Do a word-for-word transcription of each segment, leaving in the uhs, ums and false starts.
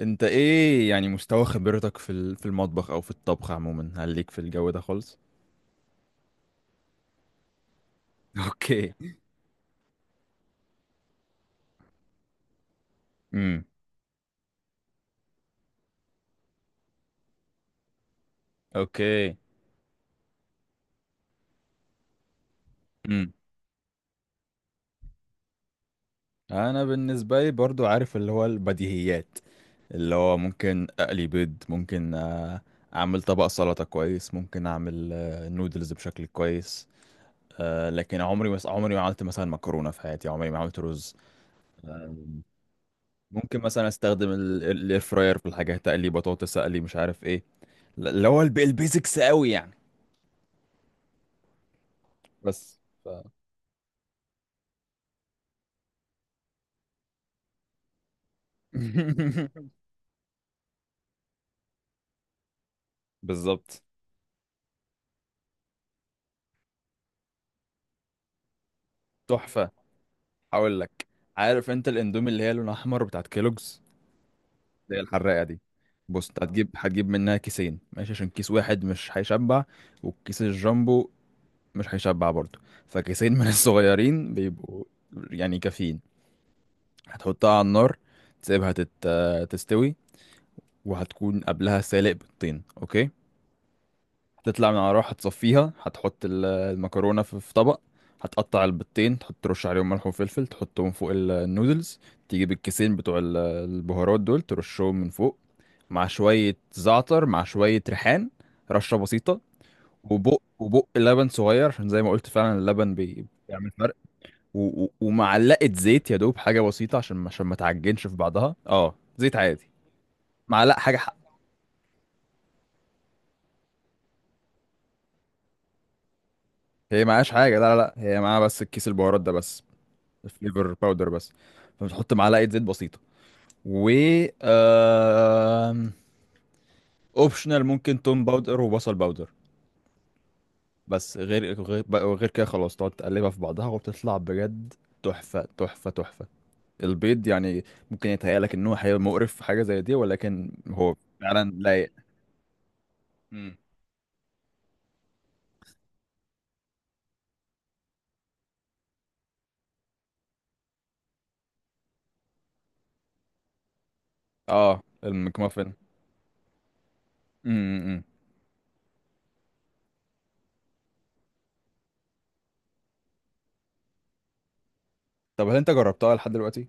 انت ايه يعني مستوى خبرتك في ال- في المطبخ او في الطبخ عموما، هل ليك في الجو ده خالص؟ اوكي. امم. اوكي. امم. انا بالنسبه لي برضو عارف اللي هو البديهيات، اللي هو ممكن اقلي بيض، ممكن آه، اعمل طبق سلطه كويس، ممكن اعمل آه، نودلز بشكل كويس. آه، لكن عمري مس... عمري ما عملت مثلا مكرونه في حياتي، عمري ما عملت رز. ممكن مثلا استخدم الاير فراير في الحاجه، اقلي بطاطس، اقلي مش عارف ايه. ل- اللي هو الب- البيزكس قوي يعني. بس. بالظبط، تحفة. هقول لك، عارف انت الاندومي اللي هي لونها احمر بتاعت كيلوجز، اللي هي الحراقة دي. بص، انت هتجيب هتجيب منها كيسين، ماشي؟ عشان كيس واحد مش هيشبع، والكيس الجامبو مش هيشبع برضه. فكيسين من الصغيرين بيبقوا يعني كافيين. هتحطها على النار، تسيبها تت... تستوي، وهتكون قبلها سالق بيضتين، اوكي. تطلع من على النار، هتصفيها، هتحط ال- المكرونة في في طبق. هتقطع البيضتين، تحط ترش عليهم ملح وفلفل، تحطهم فوق ال- النودلز. تجيب الكيسين بتوع ال- البهارات دول، ترشهم من فوق مع شوية زعتر مع شوية ريحان، رشة بسيطة. وبق وبق لبن صغير، عشان زي ما قلت فعلا اللبن بي- بيعمل فرق. و- و- ومعلقة زيت، يا دوب حاجة بسيطة، عشان عشان ما تعجنش في بعضها، اه زيت عادي، معلقة حاجة حق. هي معهاش حاجة، لا لا لا، هي معاها بس الكيس البهارات ده بس، فليفر باودر بس. فبتحط معلقه زيت بسيطه، و آم، اوبشنال ممكن توم باودر وبصل باودر. بس غير غير بقى- غير كده خلاص تقعد تقلبها في بعضها وبتطلع بجد، تحفه تحفه تحفه. البيض يعني ممكن يتهيألك ان هو هيبقى مقرف في حاجه زي دي، ولكن هو فعلا لايق. مم. اه، المكمافن. امم. طب هل انت جربتها لحد دلوقتي؟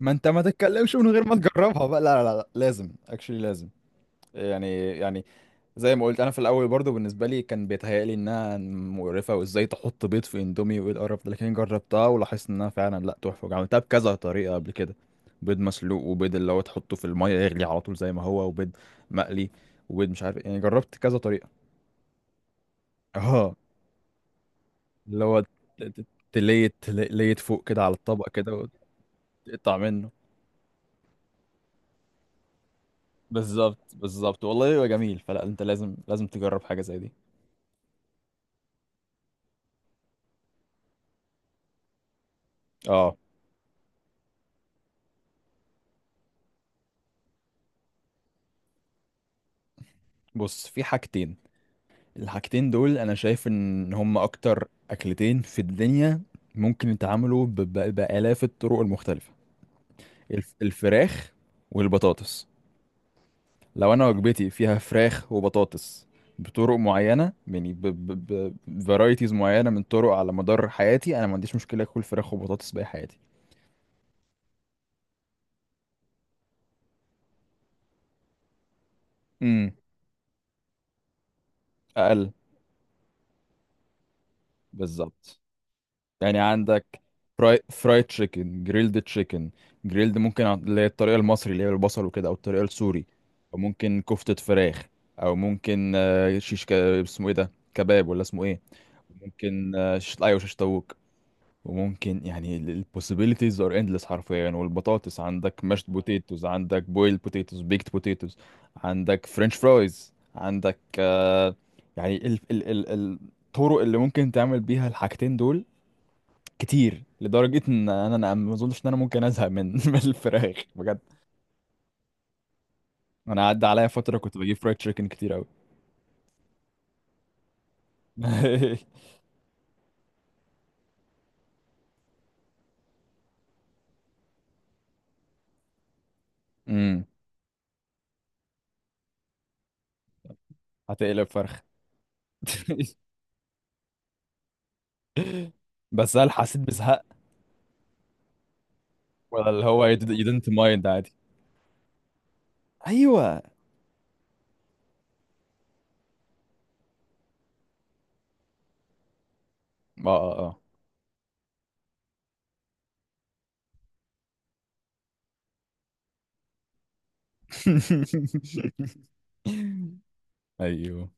ما انت ما تتكلمش من غير ما تجربها بقى، لا لا لا، لازم اكشلي لازم. يعني يعني زي ما قلت انا في الاول برضو بالنسبه لي كان بيتهيألي انها مقرفه، وازاي تحط بيض في اندومي، وايه القرف ده، لكن جربتها ولاحظت انها فعلا لا، تحفه، وعملتها بكذا طريقه قبل كده. بيض مسلوق، وبيض اللي هو تحطه في الميه يغلي على طول زي ما هو، وبيض مقلي، وبيض مش عارف إيه. يعني جربت كذا طريقه. اه، اللي هو ت- ت- تليت تليت فوق كده على الطبق كده، وتقطع منه. بالظبط بالظبط، والله هو جميل، فلا انت لازم لازم تجرب حاجه زي دي. اه، بص، في حاجتين. الحاجتين دول انا شايف ان هم اكتر اكلتين في الدنيا، ممكن يتعاملوا ب- ب- بالاف الطرق المختلفه. الف- الفراخ والبطاطس. لو انا وجبتي فيها فراخ وبطاطس بطرق معينه يعني، بفرايتيز معينه من طرق، على مدار حياتي انا ما عنديش مشكله اكل فراخ وبطاطس باقي حياتي. امم. اقل. بالظبط. يعني عندك فراي فرايد تشيكن، جريلد تشيكن. جريلد ممكن عن- اللي هي الطريقة المصري اللي هي بالبصل وكده، أو الطريقة السوري، أو ممكن كفتة فراخ، أو ممكن آه، شيش ك... اسمه إيه ده، كباب ولا اسمه إيه؟ ممكن آه، شيش، أيوة شيش طاووق. وممكن يعني ال possibilities are endless حرفيا يعني. والبطاطس عندك mashed potatoes، عندك boiled potatoes، baked potatoes، عندك French fries، عندك آه، يعني ال... ال... ال... الطرق اللي ممكن تعمل بيها الحاجتين دول كتير، لدرجة ان انا انا ما اظنش ان انا ممكن ازهق من من الفراخ بجد. انا عدى عليا فترة كنت بجيب فرايد تشيكن كتير قوي. امم. هتقلب فرخ. بس هل حسيت بزهق؟ ولا اللي هو you didn't you didn't mind عادي. ايوه، اه اه اه. ايوه.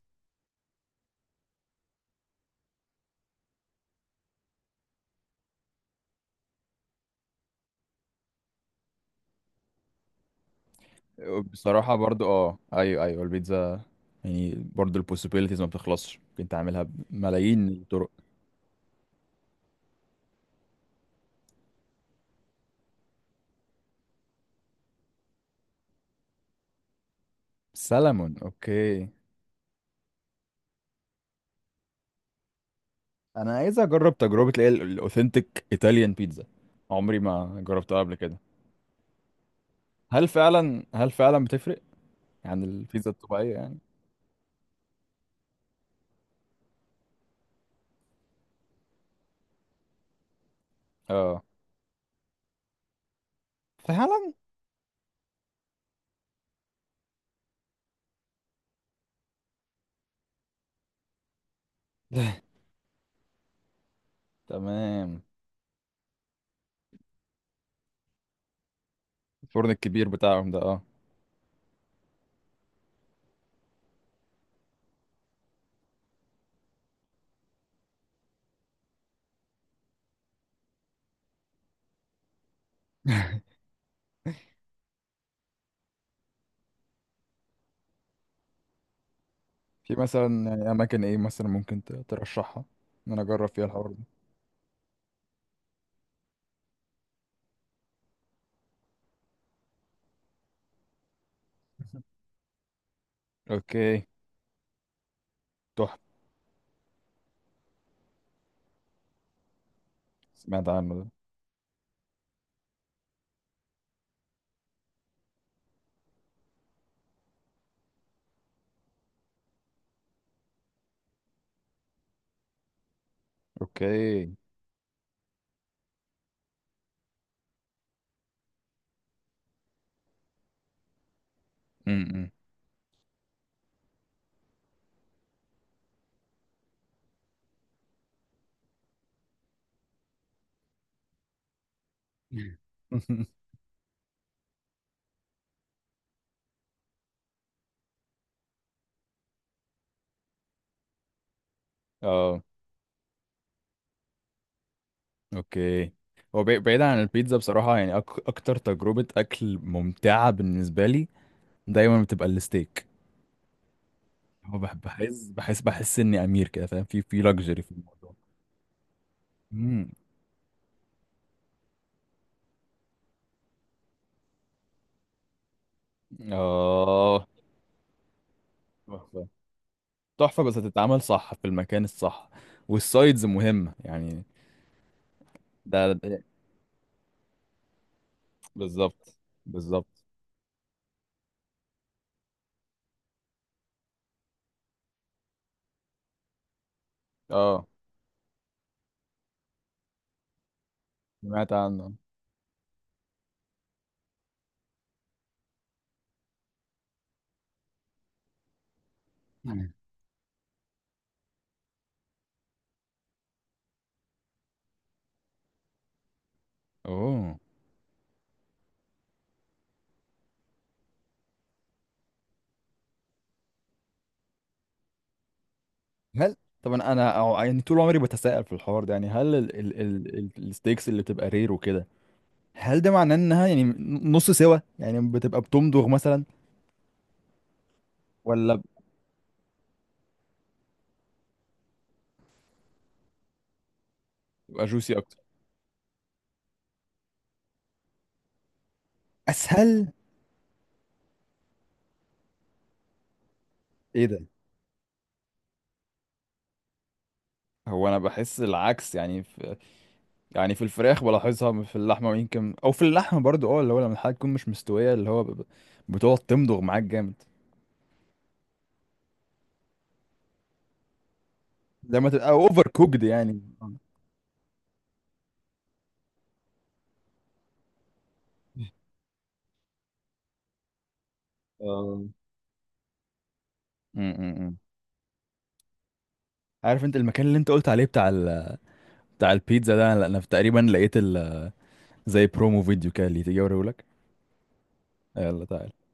بصراحة برضو اه، ايوه ايوه البيتزا. يعني برضو البوسيبيليتيز ما بتخلصش، ممكن تعملها بملايين الطرق. سلمون، اوكي. انا عايز اجرب تجربه اللي هي الاوثنتيك ايطاليان بيتزا، عمري ما جربتها قبل كده. هل فعلا هل فعلا بتفرق عن البيتزا الطبيعيه يعني؟ اه، فعلا. تمام. الفرن الكبير بتاعهم ده، اه. في مثلا يعني اماكن ايه مثلا ممكن ت- ترشحها ان انا اجرب فيها الحوار ده؟ اوكي، تحفه. سمعت عنه ده. اوكي. امم. اه، اوكي. هو بعيد عن البيتزا بصراحة، يعني أك... أكتر تجربة أكل ممتعة بالنسبة لي دايما بتبقى الستيك. هو بح- بحس بحس بحس اني امير كده، فاهم، في في لاكجري في الموضوع. امم. اه، تحفه تحفه، بس هتتعمل صح في المكان الصح، والسايدز مهمه يعني. ده, ده بالظبط بالظبط. اه، سمعت عنه. مم. اوه. هل طبعا انا أو يعني طول عمري بتساءل في الحوار ده، يعني هل ال ال ال ال الستيكس اللي بتبقى رير وكده، هل ده معناه انها يعني نص سوا، يعني بتبقى بتمضغ مثلا، ولا بتبقى جوسي اكتر، اسهل؟ ايه ده؟ هو انا بحس العكس، يعني في يعني في الفراخ بلاحظها، في اللحمه ويمكن او في اللحمه برضو، اه اللي هو لما الحاجه تكون مش مستويه اللي هو ب- ب- بتقعد تمضغ معاك جامد. لما تبقى اوفر كوكد يعني. آه. امم. عارف انت المكان اللي انت قلت عليه بتاع ال... بتاع البيتزا ده، لا انا تقريبا لقيت ال... زي برومو فيديو كده، اللي تيجي اوريهولك. آه، يلا تعالى.